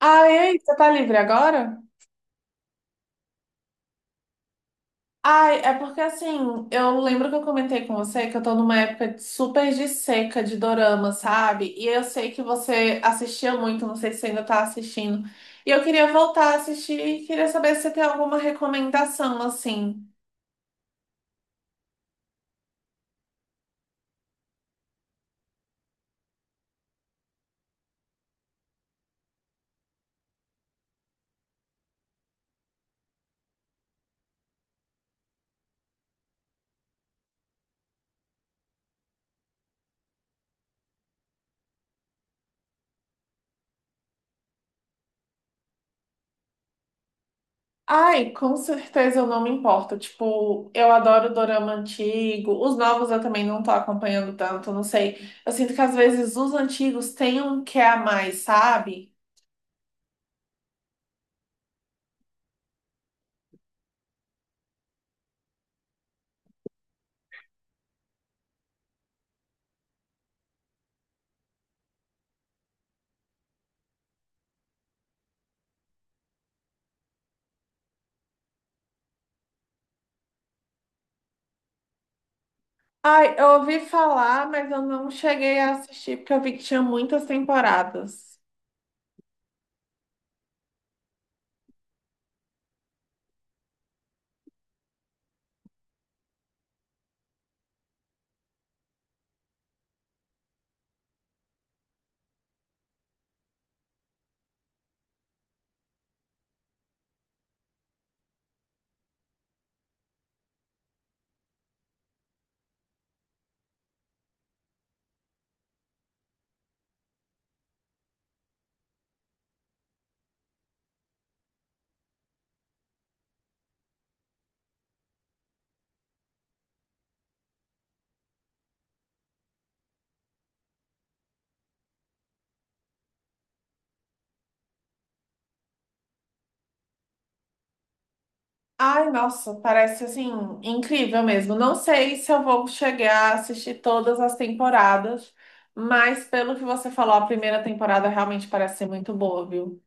Ah, e aí, você tá livre agora? Ai, é porque assim, eu lembro que eu comentei com você que eu tô numa super de seca de dorama, sabe? E eu sei que você assistia muito, não sei se você ainda tá assistindo. E eu queria voltar a assistir e queria saber se você tem alguma recomendação, assim. Ai, com certeza eu não me importo. Tipo, eu adoro dorama antigo. Os novos eu também não tô acompanhando tanto, não sei. Eu sinto que às vezes os antigos têm um que a mais, sabe? Ai, eu ouvi falar, mas eu não cheguei a assistir porque eu vi que tinha muitas temporadas. Ai, nossa, parece assim incrível mesmo. Não sei se eu vou chegar a assistir todas as temporadas, mas pelo que você falou, a primeira temporada realmente parece ser muito boa, viu?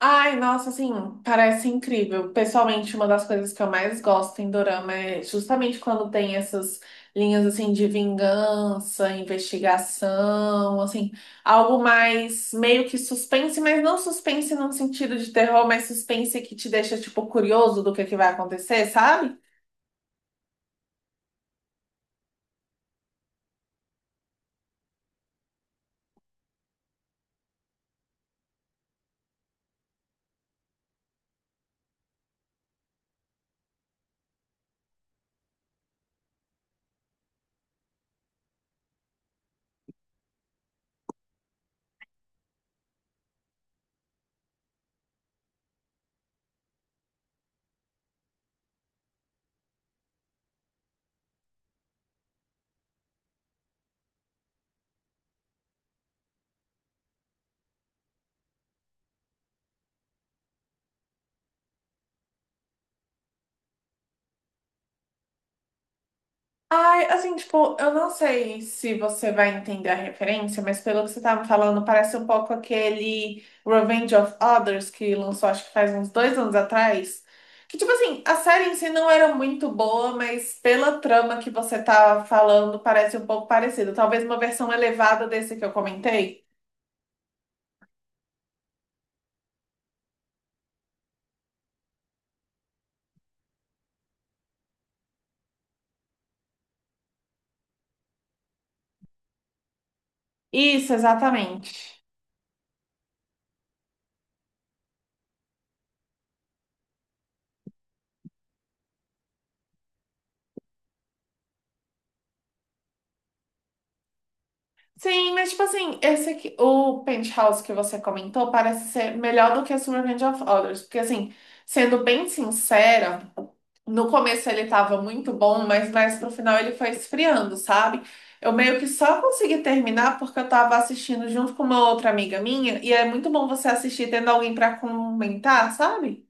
Ai, nossa, assim, parece incrível. Pessoalmente, uma das coisas que eu mais gosto em dorama é justamente quando tem essas linhas assim de vingança, investigação, assim, algo mais meio que suspense, mas não suspense num sentido de terror, mas suspense que te deixa tipo curioso do que vai acontecer, sabe? Ai, assim, tipo, eu não sei se você vai entender a referência, mas pelo que você tá me falando, parece um pouco aquele Revenge of Others que lançou, acho que faz uns 2 anos atrás. Que, tipo assim, a série em si não era muito boa, mas pela trama que você tá falando, parece um pouco parecido. Talvez uma versão elevada desse que eu comentei. Isso, exatamente. Sim, mas tipo assim, esse aqui, o Penthouse que você comentou parece ser melhor do que Summer Range of Others, porque assim, sendo bem sincera, no começo ele tava muito bom, mas mais pro final ele foi esfriando, sabe? Eu meio que só consegui terminar porque eu tava assistindo junto com uma outra amiga minha, e é muito bom você assistir tendo alguém pra comentar, sabe?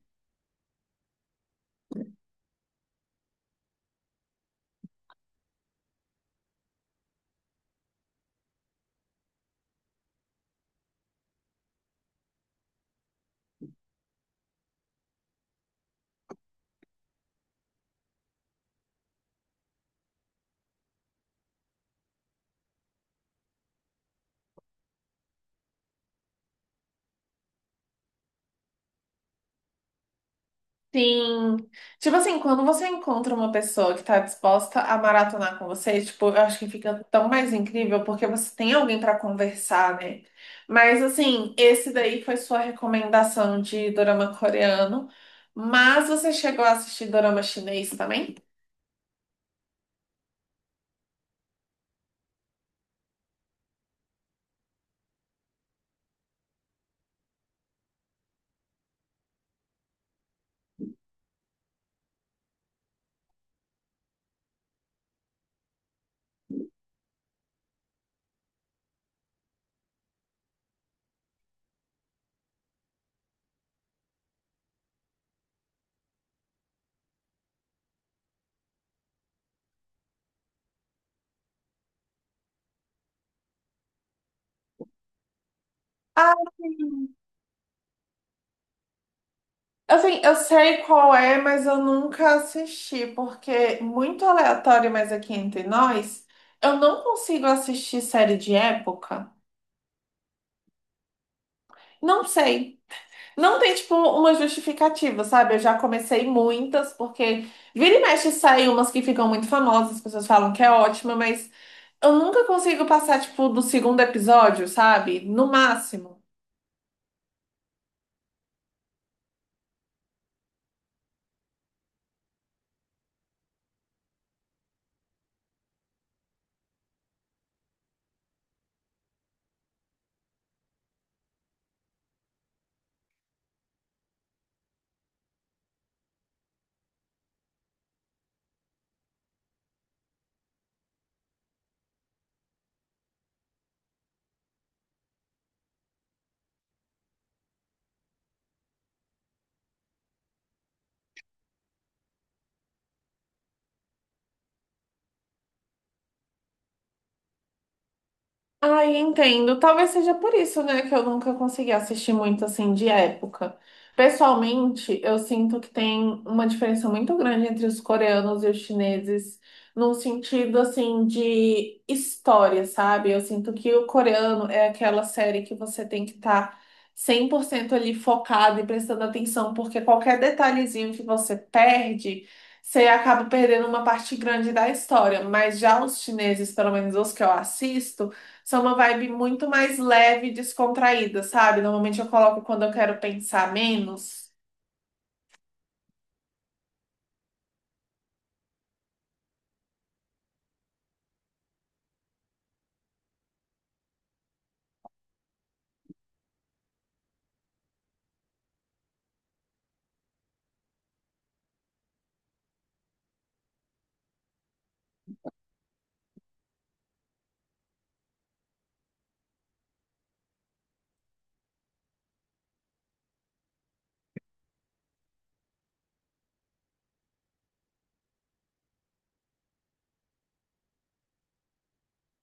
Sim. Tipo assim, quando você encontra uma pessoa que tá disposta a maratonar com você, tipo, eu acho que fica tão mais incrível porque você tem alguém pra conversar, né? Mas assim, esse daí foi sua recomendação de dorama coreano, mas você chegou a assistir dorama chinês também? Ah, sim. Assim, eu sei qual é, mas eu nunca assisti, porque muito aleatório, mas aqui entre nós, eu não consigo assistir série de época. Não sei. Não tem, tipo, uma justificativa, sabe? Eu já comecei muitas, porque vira e mexe saem umas que ficam muito famosas, as pessoas falam que é ótima, mas eu nunca consigo passar, tipo, do segundo episódio, sabe? No máximo. Ai, entendo. Talvez seja por isso, né, que eu nunca consegui assistir muito assim de época. Pessoalmente, eu sinto que tem uma diferença muito grande entre os coreanos e os chineses, num sentido assim de história, sabe? Eu sinto que o coreano é aquela série que você tem que estar 100% ali focado e prestando atenção, porque qualquer detalhezinho que você perde, você acaba perdendo uma parte grande da história. Mas já os chineses, pelo menos os que eu assisto, são uma vibe muito mais leve e descontraída, sabe? Normalmente eu coloco quando eu quero pensar menos.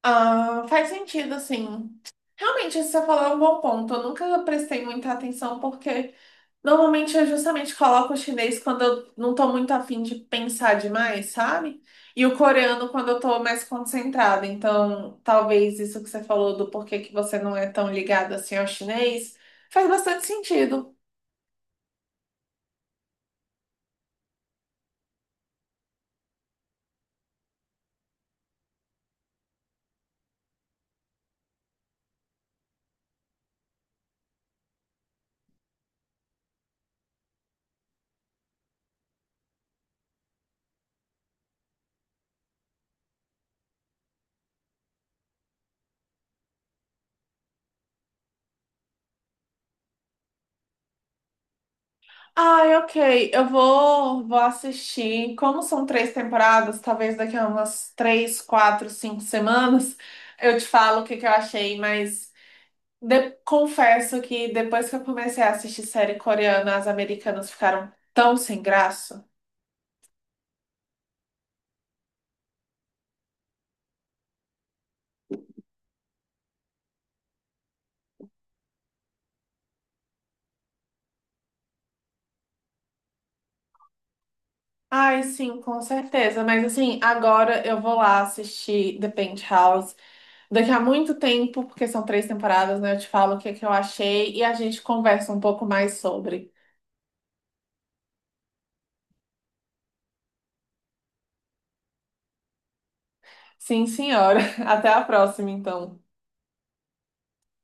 Ah, faz sentido, assim. Realmente, isso que você falou é um bom ponto. Eu nunca prestei muita atenção porque normalmente eu justamente coloco o chinês quando eu não tô muito afim de pensar demais, sabe? E o coreano quando eu tô mais concentrada. Então, talvez isso que você falou do porquê que você não é tão ligado assim ao chinês faz bastante sentido. Ai, ok. Eu vou assistir. Como são 3 temporadas, talvez daqui a umas 3, 4, 5 semanas, eu te falo o que que eu achei, mas confesso que depois que eu comecei a assistir série coreana, as americanas ficaram tão sem graça. Ai, sim, com certeza. Mas assim, agora eu vou lá assistir The Penthouse. Daqui a muito tempo, porque são 3 temporadas, né? Eu te falo o que que eu achei e a gente conversa um pouco mais sobre. Sim, senhora. Até a próxima, então.